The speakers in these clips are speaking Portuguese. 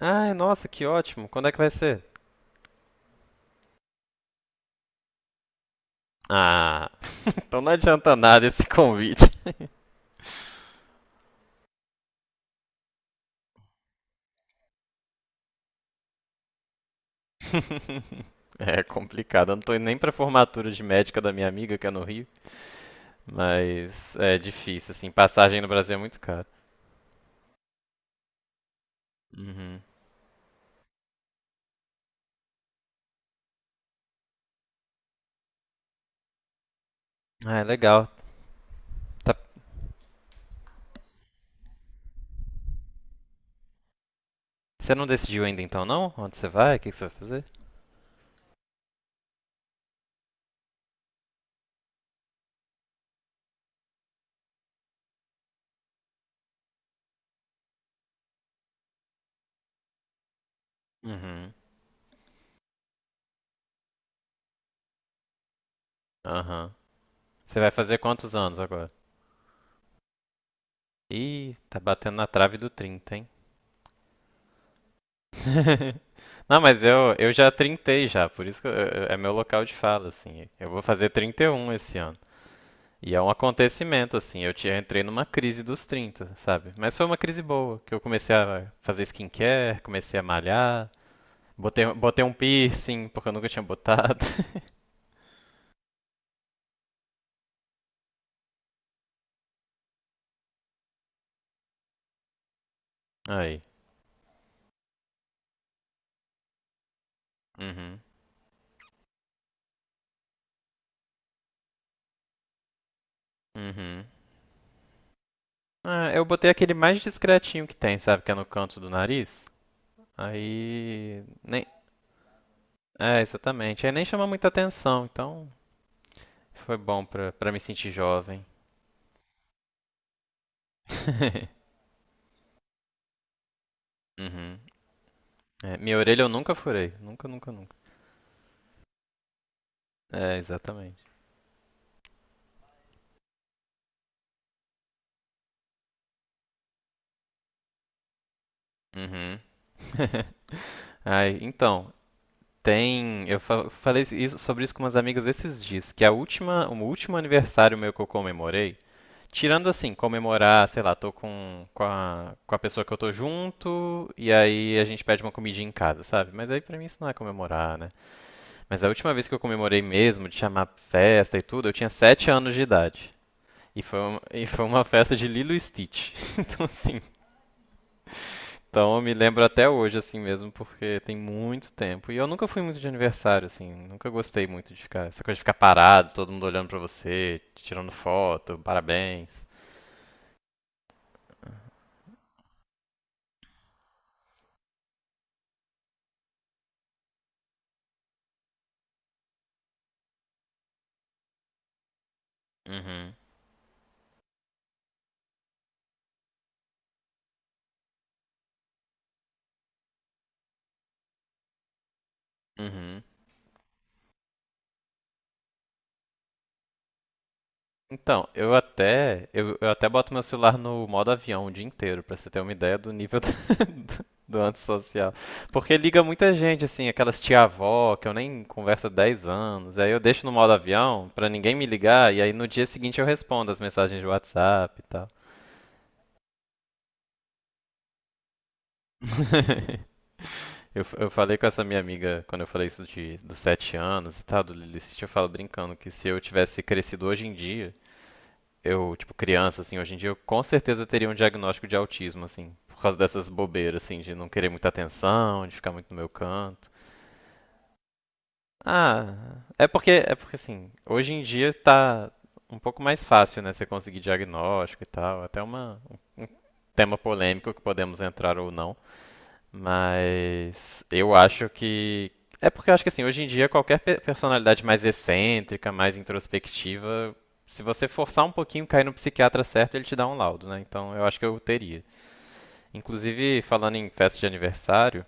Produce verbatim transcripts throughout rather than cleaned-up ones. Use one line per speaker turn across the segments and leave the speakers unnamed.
Ai, nossa, que ótimo. Quando é que vai ser? Ah, então não adianta nada esse convite. É complicado. Eu não tô indo nem pra formatura de médica da minha amiga, que é no Rio. Mas é difícil, assim. Passagem no Brasil é muito cara. Uhum. Ah, é legal. Tá- Você não decidiu ainda então, não? Onde você vai? O que que você vai fazer? Uhum. Aham. Você vai fazer quantos anos agora? Ih, tá batendo na trave do trinta, hein? Não, mas eu, eu já trintei já, por isso que eu- eu- é meu local de fala, assim. Eu vou fazer trinta e um esse ano. E é um acontecimento, assim. Eu, tinha eu entrei numa crise dos trinta, sabe? Mas foi uma crise boa, que eu comecei a fazer skincare, comecei a malhar, botei, botei um piercing, porque eu nunca tinha botado. Aí. Uhum. Uhum. Ah, eu botei aquele mais discretinho que tem, sabe? Que é no canto do nariz. Aí. Nem. É, exatamente. Aí nem chama muita atenção, então foi bom pra, pra me sentir jovem. Uhum. É, minha orelha eu nunca furei. Nunca, nunca, nunca. É, exatamente. Uhum. Ai, então, tem. Eu fa- falei isso- sobre isso com umas amigas esses dias, que a última, o último aniversário meu que eu comemorei, tirando assim, comemorar, sei lá, tô com, com a, com a pessoa que eu tô junto, e aí a gente pede uma comidinha em casa, sabe? Mas aí pra mim isso não é comemorar, né? Mas a última vez que eu comemorei mesmo, de chamar festa e tudo, eu tinha sete anos de idade. E foi, uma, e foi uma festa de Lilo e Stitch, assim. Então eu me lembro até hoje, assim mesmo, porque tem muito tempo. E eu nunca fui muito de aniversário, assim. Nunca gostei muito de ficar. Essa coisa de ficar parado, todo mundo olhando pra você, tirando foto, parabéns. Uhum, uhum. Então, eu até, eu, eu até boto meu celular no modo avião o dia inteiro, pra você ter uma ideia do nível da, do antissocial. Porque liga muita gente, assim, aquelas tia-avó que eu nem converso há dez anos. Aí eu deixo no modo avião pra ninguém me ligar e aí no dia seguinte eu respondo as mensagens de WhatsApp e tal. Eu, eu falei com essa minha amiga quando eu falei isso de, dos sete anos e tal, do Lilicite, eu falo brincando que se eu tivesse crescido hoje em dia, eu, tipo, criança, assim, hoje em dia eu com certeza teria um diagnóstico de autismo, assim, por causa dessas bobeiras, assim, de não querer muita atenção, de ficar muito no meu canto. Ah, é porque é porque assim, hoje em dia tá um pouco mais fácil, né, você conseguir diagnóstico e tal. É até uma um um tema polêmico que podemos entrar ou não, mas eu acho que é porque eu acho que assim, hoje em dia qualquer pe- personalidade mais excêntrica, mais introspectiva, se você forçar um pouquinho, cair no psiquiatra certo, ele te dá um laudo, né? Então eu acho que eu teria. Inclusive, falando em festa de aniversário,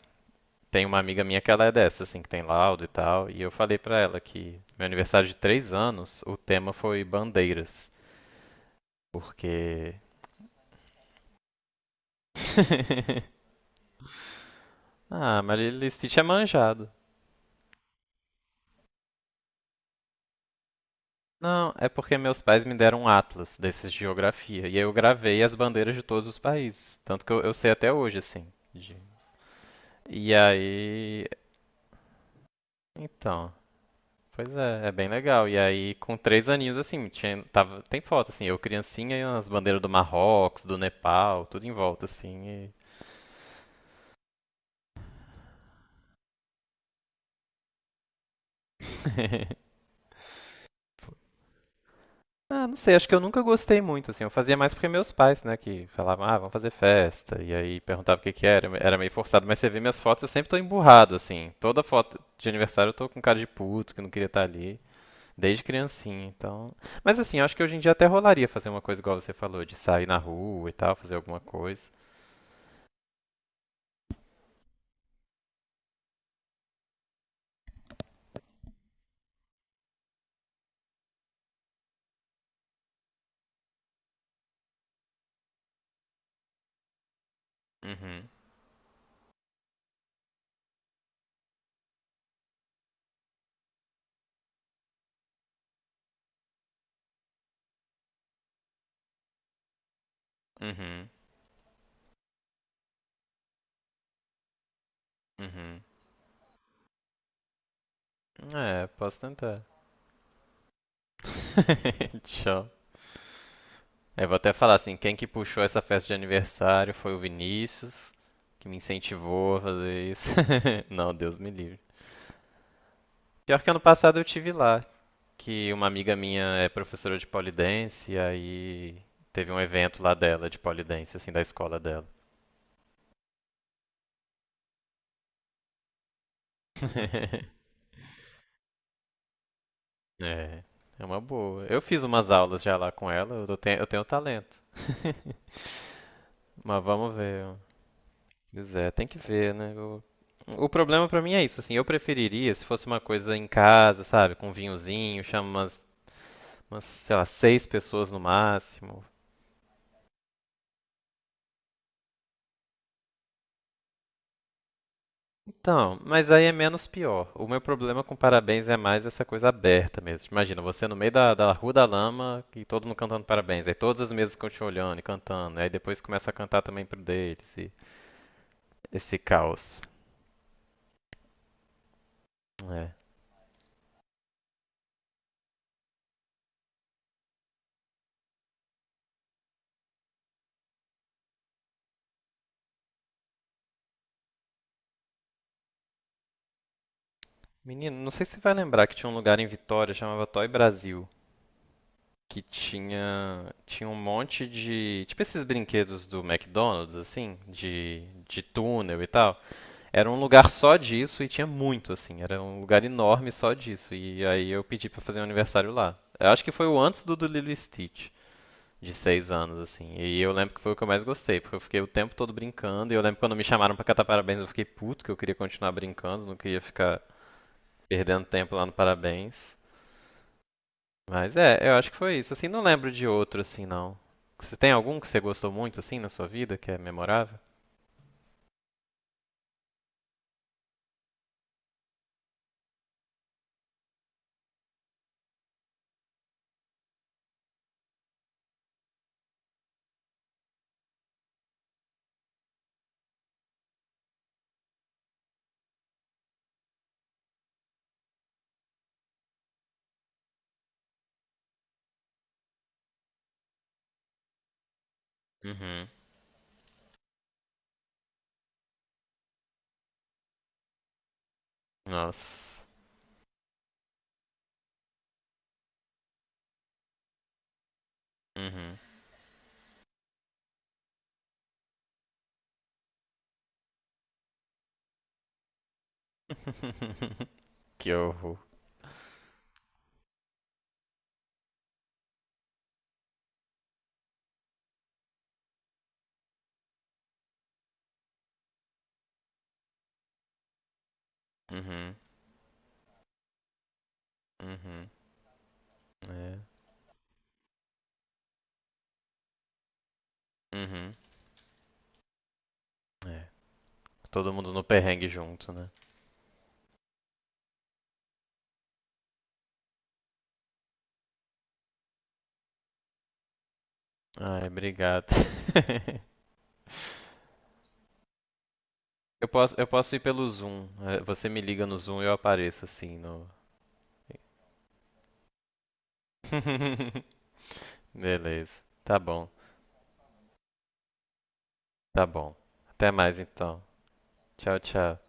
tem uma amiga minha que ela é dessa, assim, que tem laudo e tal, e eu falei pra ela que meu aniversário de três anos, o tema foi bandeiras, porque... Ah, Marilith tinha manjado. Não, é porque meus pais me deram um atlas desses de geografia, e aí eu gravei as bandeiras de todos os países, tanto que eu, eu sei até hoje, assim. De- E aí... Então, pois é, é bem legal. E aí, com três aninhos, assim, tinha, tava, tem foto, assim, eu criancinha e as bandeiras do Marrocos, do Nepal, tudo em volta, assim. E- Ah, não sei, acho que eu nunca gostei muito, assim. Eu fazia mais porque meus pais, né, que falavam, ah, vamos fazer festa. E aí perguntava o que que era, era meio forçado. Mas você vê minhas fotos, eu sempre tô emburrado, assim. Toda foto de aniversário eu tô com cara de puto, que não queria estar ali. Desde criancinha, então. Mas assim, eu acho que hoje em dia até rolaria fazer uma coisa igual você falou, de sair na rua e tal, fazer alguma coisa. Uhum, uhum, uhum. É, posso tentar. Tchau. É, vou até falar assim, quem que puxou essa festa de aniversário foi o Vinícius, que me incentivou a fazer isso. Não, Deus me livre. Pior que ano passado eu tive lá, que uma amiga minha é professora de polidense, e aí teve um evento lá dela de polidense, assim, da escola dela. É, é uma boa. Eu fiz umas aulas já lá com ela, eu tenho, eu tenho talento. Mas vamos ver. Pois é, tem que ver, né? O, o problema pra mim é isso, assim, eu preferiria se fosse uma coisa em casa, sabe, com um vinhozinho, chama umas, umas, sei lá, seis pessoas no máximo. Então, mas aí é menos pior. O meu problema com parabéns é mais essa coisa aberta mesmo. Imagina, você no meio da, da Rua da Lama e todo mundo cantando parabéns. Aí todas as mesas ficam te olhando e cantando. Aí depois começa a cantar também pro deles. E esse caos. É. Menino, não sei se você vai lembrar que tinha um lugar em Vitória, chamava Toy Brasil, que tinha tinha um monte de, tipo esses brinquedos do McDonald's assim, de de túnel e tal. Era um lugar só disso e tinha muito assim, era um lugar enorme só disso. E aí eu pedi pra fazer um aniversário lá. Eu acho que foi o antes do do Lilo e Stitch. De seis anos, assim. E eu lembro que foi o que eu mais gostei, porque eu fiquei o tempo todo brincando. E eu lembro quando me chamaram pra cantar parabéns, eu fiquei puto, que eu queria continuar brincando, não queria ficar perdendo tempo lá no parabéns. Mas é, eu acho que foi isso. Assim, não lembro de outro assim, não. Você tem algum que você gostou muito assim na sua vida que é memorável? Uhum. Nossa. Uhum. Que horror. Uhum. Uhum. É. Uhum. É, todo mundo no perrengue junto, né? Ai, obrigado. Eu posso, eu posso ir pelo Zoom. É, você me liga no Zoom e eu apareço assim no. Beleza. Tá bom, tá bom. Até mais então. Tchau, tchau.